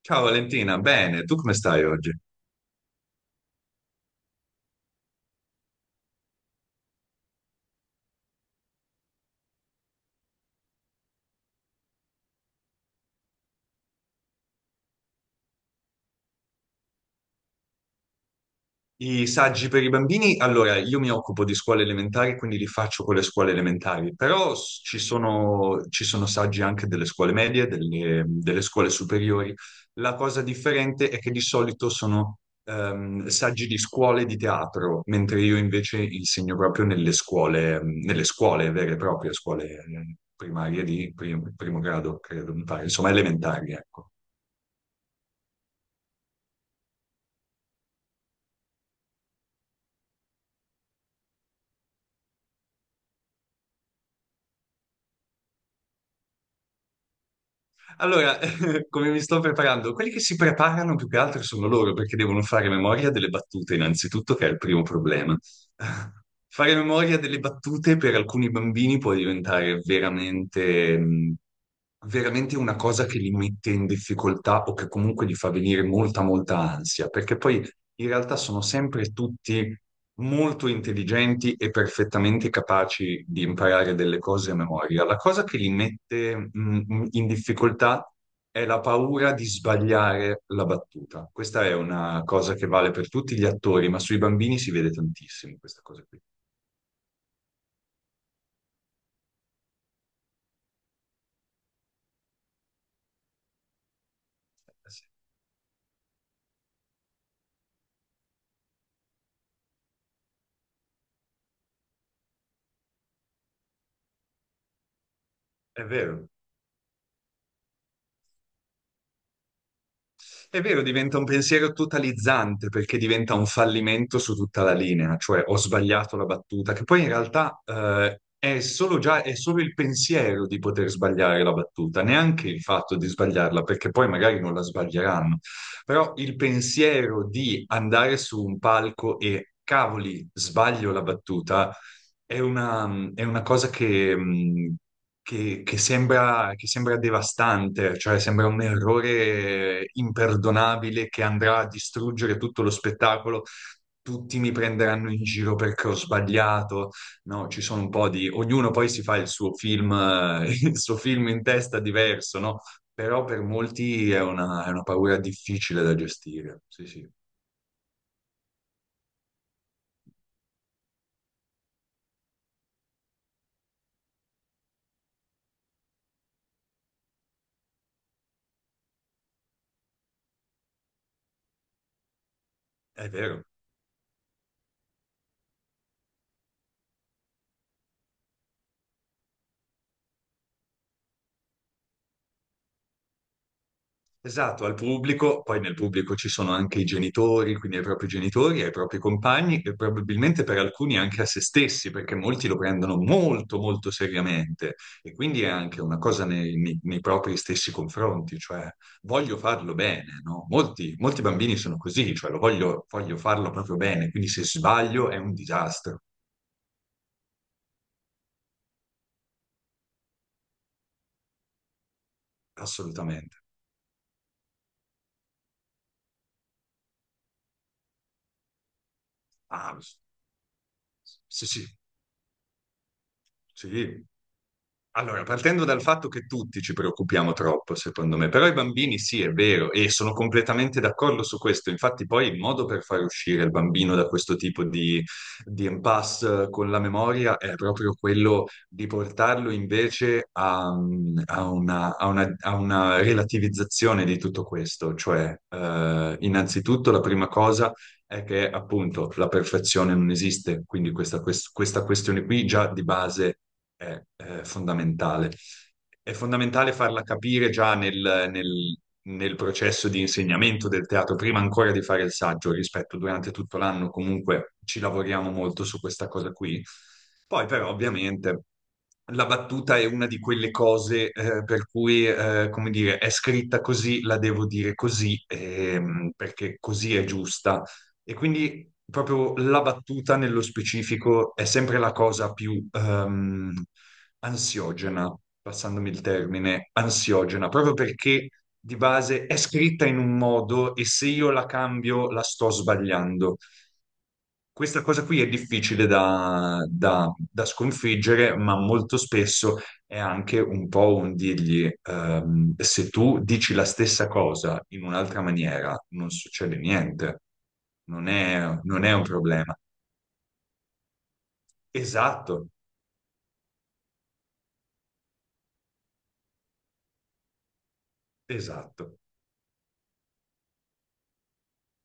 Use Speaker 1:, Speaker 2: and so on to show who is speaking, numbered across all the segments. Speaker 1: Ciao Valentina, bene, tu come stai oggi? I saggi per i bambini, allora io mi occupo di scuole elementari, quindi li faccio con le scuole elementari, però ci sono saggi anche delle scuole medie, delle scuole superiori. La cosa differente è che di solito sono saggi di scuole di teatro, mentre io invece insegno proprio nelle scuole vere e proprie, scuole primarie di primo grado, credo, mi pare, insomma elementari, ecco. Allora, come mi sto preparando? Quelli che si preparano più che altro sono loro, perché devono fare memoria delle battute, innanzitutto, che è il primo problema. Fare memoria delle battute per alcuni bambini può diventare veramente, veramente una cosa che li mette in difficoltà o che comunque gli fa venire molta ansia, perché poi in realtà sono sempre tutti molto intelligenti e perfettamente capaci di imparare delle cose a memoria. La cosa che li mette in difficoltà è la paura di sbagliare la battuta. Questa è una cosa che vale per tutti gli attori, ma sui bambini si vede tantissimo questa cosa qui. Eh sì. È vero. È vero, diventa un pensiero totalizzante perché diventa un fallimento su tutta la linea, cioè ho sbagliato la battuta, che poi in realtà è solo già, è solo il pensiero di poter sbagliare la battuta, neanche il fatto di sbagliarla, perché poi magari non la sbaglieranno, però il pensiero di andare su un palco e cavoli, sbaglio la battuta, è una cosa che, che sembra devastante, cioè sembra un errore imperdonabile che andrà a distruggere tutto lo spettacolo. Tutti mi prenderanno in giro perché ho sbagliato. No, ci sono un po' di... Ognuno poi si fa il suo film, il suo film in testa diverso, no? Però per molti è una paura difficile da gestire. Sì, sì, è vero. Esatto, al pubblico, poi nel pubblico ci sono anche i genitori, quindi ai propri genitori, ai propri compagni e probabilmente per alcuni anche a se stessi, perché molti lo prendono molto molto seriamente e quindi è anche una cosa nei, nei propri stessi confronti, cioè voglio farlo bene, no? Molti, molti bambini sono così, cioè lo voglio, voglio farlo proprio bene, quindi se sbaglio è un disastro, assolutamente. Ah, sì, sì, sì, sì. Allora, partendo dal fatto che tutti ci preoccupiamo troppo, secondo me, però i bambini sì, è vero, e sono completamente d'accordo su questo. Infatti, poi il modo per far uscire il bambino da questo tipo di impasse con la memoria è proprio quello di portarlo invece a, a una, a una relativizzazione di tutto questo. Cioè, innanzitutto, la prima cosa è che appunto la perfezione non esiste, quindi questa, questa questione qui già di base è, fondamentale. È fondamentale farla capire già nel, nel processo di insegnamento del teatro, prima ancora di fare il saggio, rispetto durante tutto l'anno comunque ci lavoriamo molto su questa cosa qui. Poi però ovviamente la battuta è una di quelle cose per cui, come dire, è scritta così, la devo dire così, perché così è giusta e quindi proprio la battuta nello specifico è sempre la cosa più ansiogena, passandomi il termine, ansiogena, proprio perché di base è scritta in un modo e se io la cambio la sto sbagliando. Questa cosa qui è difficile da, da sconfiggere, ma molto spesso è anche un po' un dirgli, se tu dici la stessa cosa in un'altra maniera, non succede niente, non è, non è un problema. Esatto, esatto.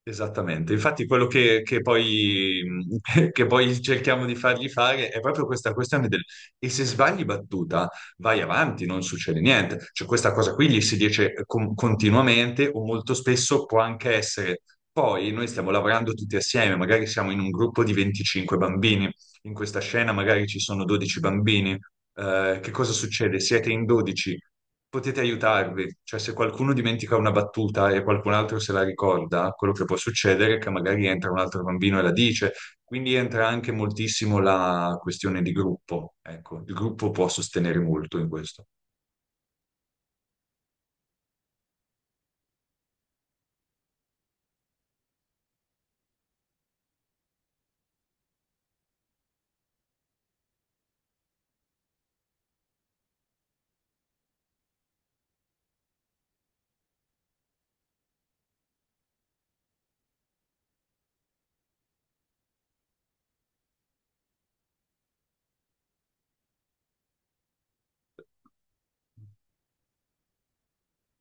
Speaker 1: Esattamente, infatti quello che poi, che poi cerchiamo di fargli fare è proprio questa questione del e se sbagli battuta vai avanti, non succede niente, cioè questa cosa qui gli si dice continuamente o molto spesso può anche essere, poi noi stiamo lavorando tutti assieme, magari siamo in un gruppo di 25 bambini, in questa scena magari ci sono 12 bambini. Che cosa succede? Siete in 12, potete aiutarvi, cioè se qualcuno dimentica una battuta e qualcun altro se la ricorda, quello che può succedere è che magari entra un altro bambino e la dice, quindi entra anche moltissimo la questione di gruppo, ecco, il gruppo può sostenere molto in questo.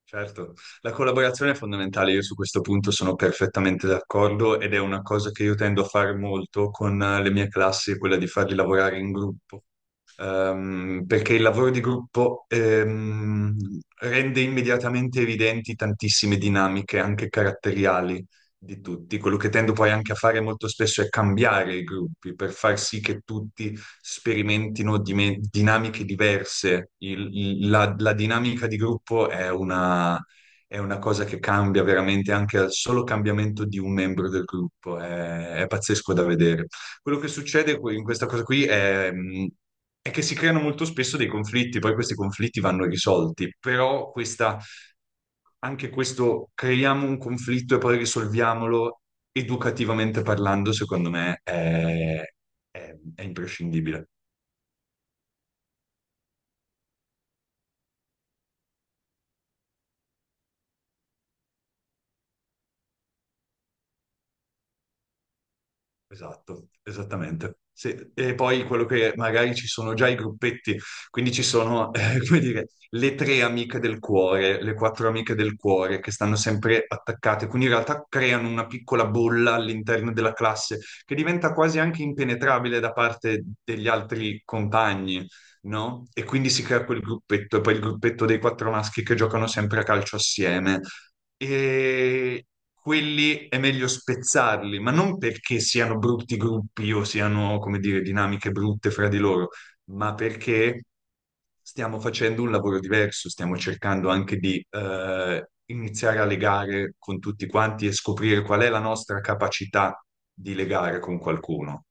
Speaker 1: Certo, la collaborazione è fondamentale, io su questo punto sono perfettamente d'accordo ed è una cosa che io tendo a fare molto con le mie classi, quella di farli lavorare in gruppo. Perché il lavoro di gruppo rende immediatamente evidenti tantissime dinamiche, anche caratteriali di tutti. Quello che tendo poi anche a fare molto spesso è cambiare i gruppi per far sì che tutti sperimentino dinamiche diverse. La, la dinamica di gruppo è una cosa che cambia veramente anche al solo cambiamento di un membro del gruppo. È pazzesco da vedere. Quello che succede in questa cosa qui è che si creano molto spesso dei conflitti, poi questi conflitti vanno risolti, però questa, anche questo creiamo un conflitto e poi risolviamolo educativamente parlando, secondo me è, è imprescindibile. Esatto, esattamente. Sì. E poi quello che magari ci sono già i gruppetti, quindi ci sono, come dire, le tre amiche del cuore, le quattro amiche del cuore che stanno sempre attaccate, quindi in realtà creano una piccola bolla all'interno della classe che diventa quasi anche impenetrabile da parte degli altri compagni, no? E quindi si crea quel gruppetto, e poi il gruppetto dei quattro maschi che giocano sempre a calcio assieme e quelli è meglio spezzarli, ma non perché siano brutti gruppi o siano, come dire, dinamiche brutte fra di loro, ma perché stiamo facendo un lavoro diverso, stiamo cercando anche di iniziare a legare con tutti quanti e scoprire qual è la nostra capacità di legare con qualcuno.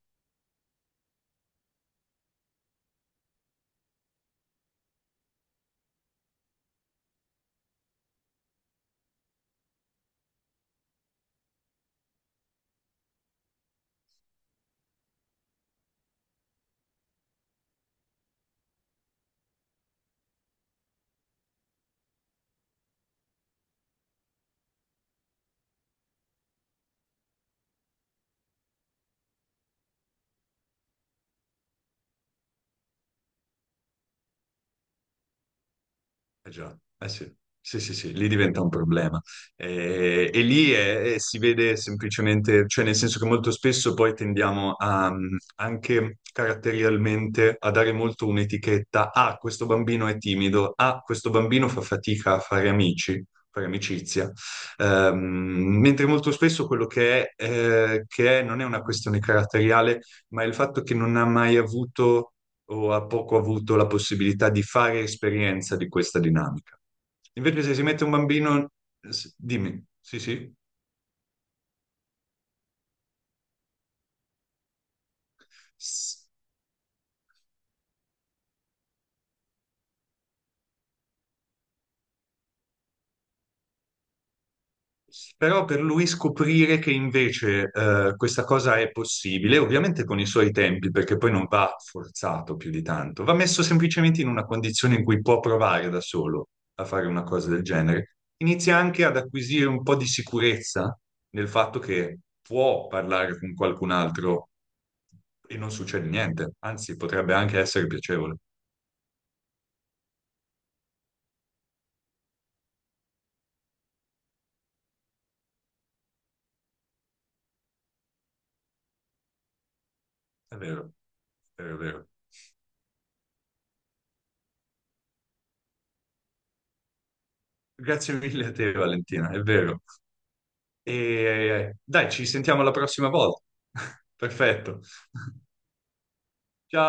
Speaker 1: Eh già, eh sì, sì, sì, sì, lì diventa un problema. Lì si vede semplicemente, cioè nel senso che molto spesso poi tendiamo a, anche caratterialmente a dare molto un'etichetta, ah, questo bambino è timido, ah, questo bambino fa fatica a fare amici, fare amicizia. Ehm, mentre molto spesso quello che è non è una questione caratteriale, ma è il fatto che non ha mai avuto o ha poco avuto la possibilità di fare esperienza di questa dinamica. Invece se si mette un bambino, dimmi, sì, sì. Però per lui scoprire che invece questa cosa è possibile, ovviamente con i suoi tempi, perché poi non va forzato più di tanto, va messo semplicemente in una condizione in cui può provare da solo a fare una cosa del genere. Inizia anche ad acquisire un po' di sicurezza nel fatto che può parlare con qualcun altro e non succede niente, anzi potrebbe anche essere piacevole. È vero, è vero, è vero. Grazie mille a te, Valentina, è vero. E dai, ci sentiamo la prossima volta. Perfetto. Ciao.